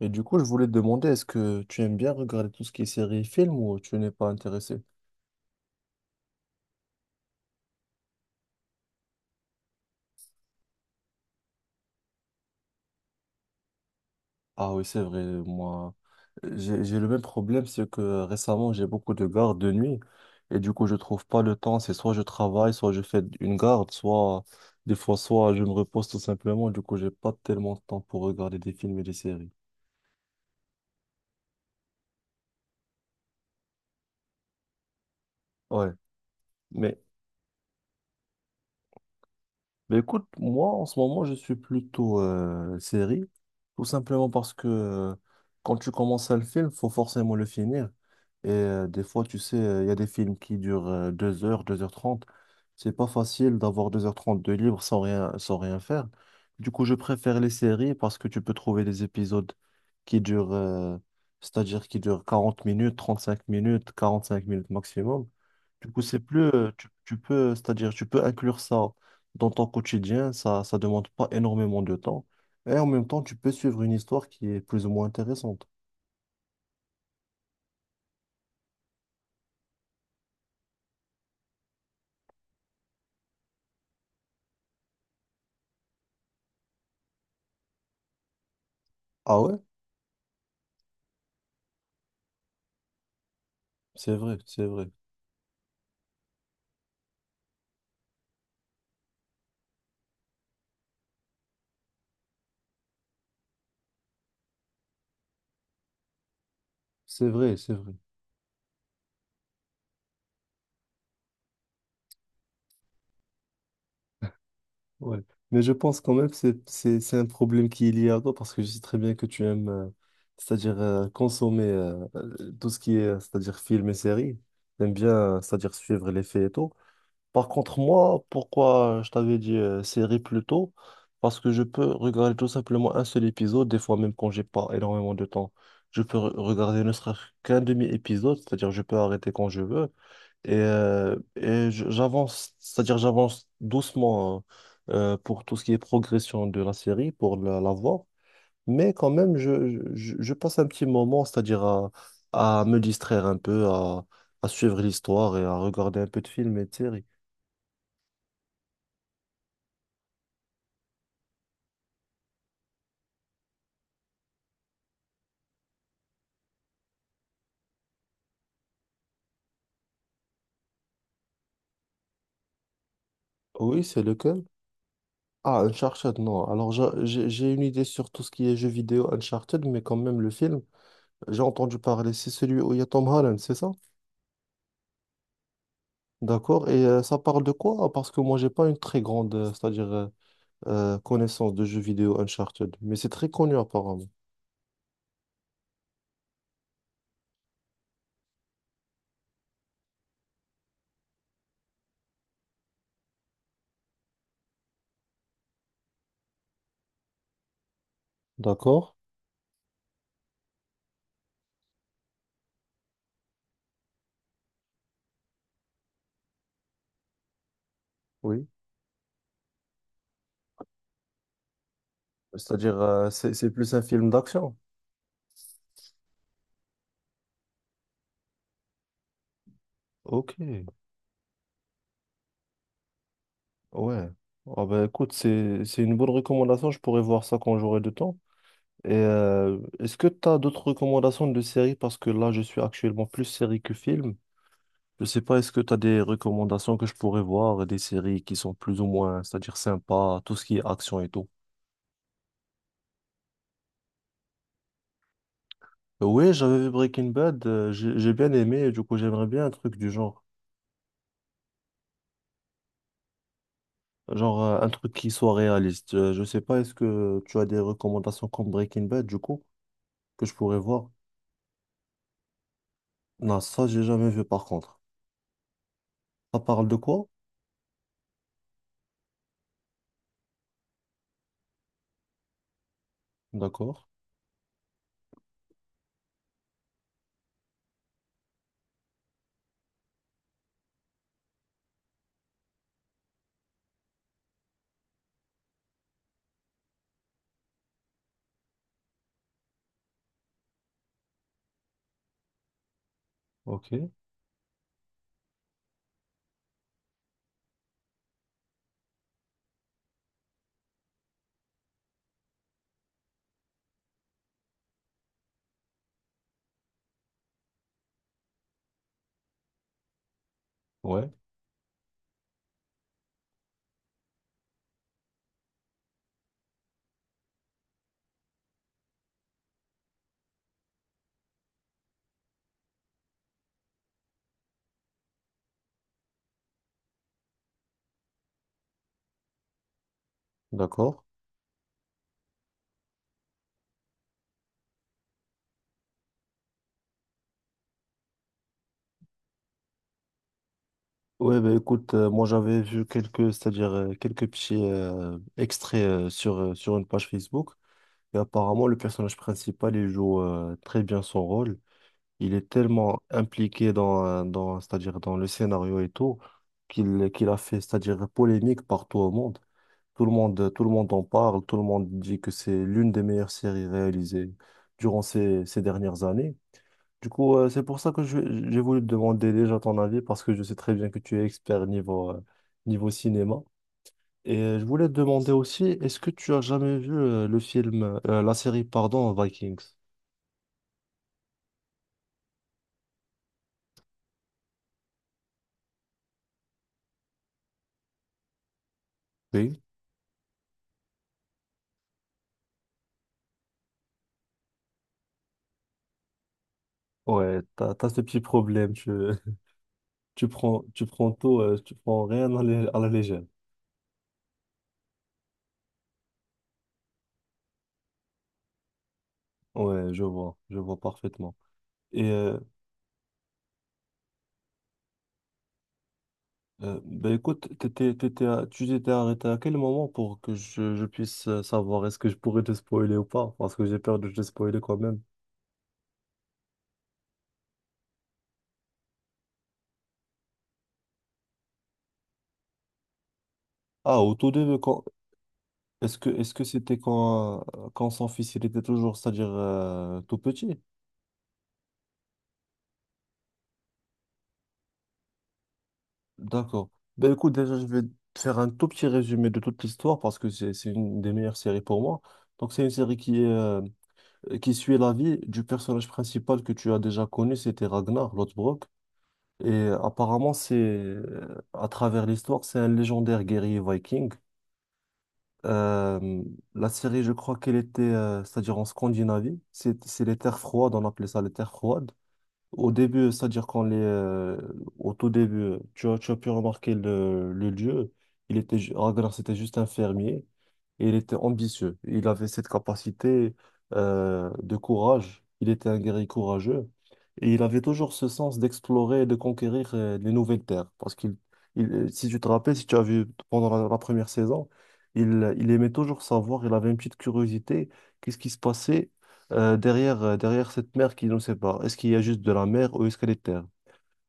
Et du coup, je voulais te demander, est-ce que tu aimes bien regarder tout ce qui est séries et films ou tu n'es pas intéressé? Ah oui, c'est vrai, moi, j'ai le même problème, c'est que récemment, j'ai beaucoup de gardes de nuit et du coup, je trouve pas le temps. C'est soit je travaille, soit je fais une garde, soit des fois, soit je me repose tout simplement. Du coup, j'ai pas tellement de temps pour regarder des films et des séries. Ouais. Mais Mais écoute, moi, en ce moment, je suis plutôt série, tout simplement parce que quand tu commences un film, faut forcément le finir. Et des fois, tu sais, il y a des films qui durent 2 heures, 2h30. C'est pas facile d'avoir 2h30 de libre sans rien, faire. Du coup, je préfère les séries parce que tu peux trouver des épisodes qui durent, c'est-à-dire qui durent 40 minutes, 35 minutes, 45 minutes maximum. Du coup, c'est plus, tu peux, c'est-à-dire, tu peux inclure ça dans ton quotidien, ça demande pas énormément de temps. Et en même temps, tu peux suivre une histoire qui est plus ou moins intéressante. Ah ouais? C'est vrai, c'est vrai. C'est vrai, c'est vrai. Ouais. Mais je pense quand même que c'est un problème qui est lié à toi parce que je sais très bien que tu aimes, c'est-à-dire consommer tout ce qui est, c'est-à-dire film et séries. T'aimes bien, c'est-à-dire suivre les faits et tout. Par contre, moi, pourquoi je t'avais dit série plus tôt? Parce que je peux regarder tout simplement un seul épisode, des fois même quand j'ai pas énormément de temps. Je peux regarder ne serait-ce qu'un demi-épisode, c'est-à-dire je peux arrêter quand je veux. Et j'avance, c'est-à-dire j'avance doucement pour tout ce qui est progression de la série, pour la voir. Mais quand même, je passe un petit moment, c'est-à-dire à, me distraire un peu, à suivre l'histoire et à regarder un peu de films et de séries. Oui, c'est lequel? Ah, Uncharted, non. Alors, j'ai une idée sur tout ce qui est jeux vidéo Uncharted, mais quand même, le film, j'ai entendu parler, c'est celui où il y a Tom Holland, c'est ça? D'accord. Et ça parle de quoi? Parce que moi, j'ai pas une très grande, c'est-à-dire, connaissance de jeux vidéo Uncharted, mais c'est très connu apparemment. D'accord. Oui. C'est-à-dire, c'est plus un film d'action. Ok, ouais. Ah ben écoute, c'est une bonne recommandation, je pourrais voir ça quand j'aurai du temps. Et est-ce que tu as d'autres recommandations de séries? Parce que là, je suis actuellement plus série que film. Je sais pas, est-ce que tu as des recommandations que je pourrais voir, des séries qui sont plus ou moins, c'est-à-dire sympas, tout ce qui est action et tout. Oui, j'avais vu Breaking Bad, j'ai bien aimé, et du coup, j'aimerais bien un truc du genre. Genre un truc qui soit réaliste. Je sais pas, est-ce que tu as des recommandations comme Breaking Bad, du coup, que je pourrais voir? Non, ça, j'ai jamais vu par contre. Ça parle de quoi? D'accord. Ok. Ouais. D'accord. Ouais, bah écoute, moi j'avais vu quelques, c'est-à-dire quelques petits extraits sur une page Facebook. Et apparemment, le personnage principal, il joue très bien son rôle. Il est tellement impliqué c'est-à-dire dans le scénario et tout, qu'il a fait, c'est-à-dire polémique partout au monde. Tout le monde, tout le monde en parle, tout le monde dit que c'est l'une des meilleures séries réalisées durant ces, dernières années. Du coup, c'est pour ça que j'ai voulu te demander déjà ton avis, parce que je sais très bien que tu es expert niveau, niveau cinéma. Et je voulais te demander aussi, est-ce que tu as jamais vu le film, la série, pardon, Vikings? Oui. Ouais, t'as ce petit problème, tu prends tout, tu prends rien à la, légère. Ouais, je vois parfaitement. Et bah, écoute, tu t'étais arrêté à quel moment pour que je puisse savoir est-ce que je pourrais te spoiler ou pas? Parce que j'ai peur de te spoiler quand même. Ah, au tout début, quand, est-ce que c'était quand son fils il était toujours, c'est-à-dire tout petit? D'accord. Ben écoute, déjà, je vais te faire un tout petit résumé de toute l'histoire parce que c'est une des meilleures séries pour moi. Donc, c'est une série qui est. Qui suit la vie du personnage principal que tu as déjà connu, c'était Ragnar Lothbrok. Et apparemment, c'est à travers l'histoire, c'est un légendaire guerrier viking. Euh, la série, je crois qu'elle était, c'est-à-dire en Scandinavie, c'est les terres froides, on appelait ça les terres froides. Au début, c'est-à-dire au tout début, tu as pu remarquer le lieu. Ragnar, c'était juste un fermier et il était ambitieux. Il avait cette capacité de courage. Il était un guerrier courageux et il avait toujours ce sens d'explorer et de conquérir les nouvelles terres. Si tu te rappelles, si tu as vu pendant la première saison, il aimait toujours savoir. Il avait une petite curiosité. Qu'est-ce qui se passait derrière, derrière cette mer qui nous sépare? Est-ce qu'il y a juste de la mer ou est-ce qu'elle est terre?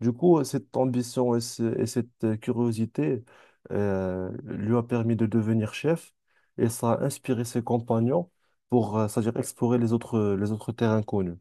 Du coup, cette ambition et, et cette curiosité lui a permis de devenir chef et ça a inspiré ses compagnons pour, c'est-à-dire explorer les autres terres inconnues.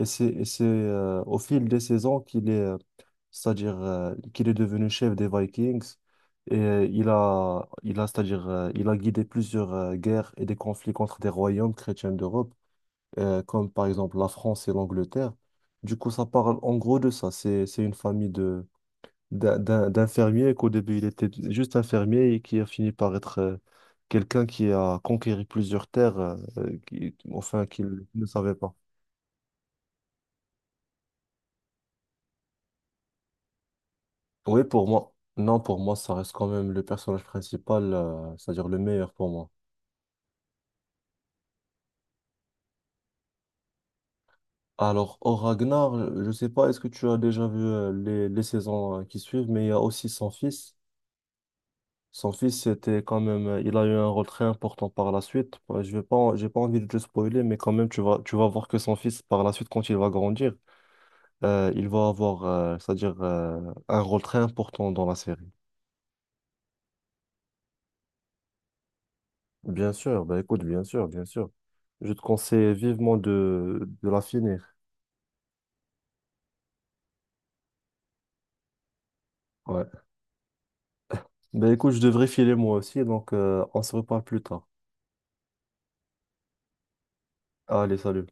Et au fil des saisons qu'il est devenu chef des Vikings et c'est-à-dire il a guidé plusieurs guerres et des conflits contre des royaumes chrétiens d'Europe comme par exemple la France et l'Angleterre. Du coup, ça parle en gros de ça. C'est une famille d'infirmiers qu'au début, il était juste infirmier et qui a fini par être quelqu'un qui a conquéri plusieurs terres, enfin, qu'il ne savait pas. Oui, pour moi, non, pour moi, ça reste quand même le personnage principal, c'est-à-dire le meilleur pour moi. Alors, au Ragnar, je ne sais pas, est-ce que tu as déjà vu les, saisons qui suivent, mais il y a aussi son fils. Son fils, c'était quand même, il a eu un rôle très important par la suite. Ouais, je vais pas, j'ai pas envie de te spoiler, mais quand même, tu vas voir que son fils, par la suite, quand il va grandir, il va avoir, c'est-à-dire, un rôle très important dans la série. Bien sûr, bah écoute, bien sûr, bien sûr. Je te conseille vivement de la finir. Ouais. Bah écoute, je devrais filer moi aussi, donc on se reparle plus tard. Allez, salut.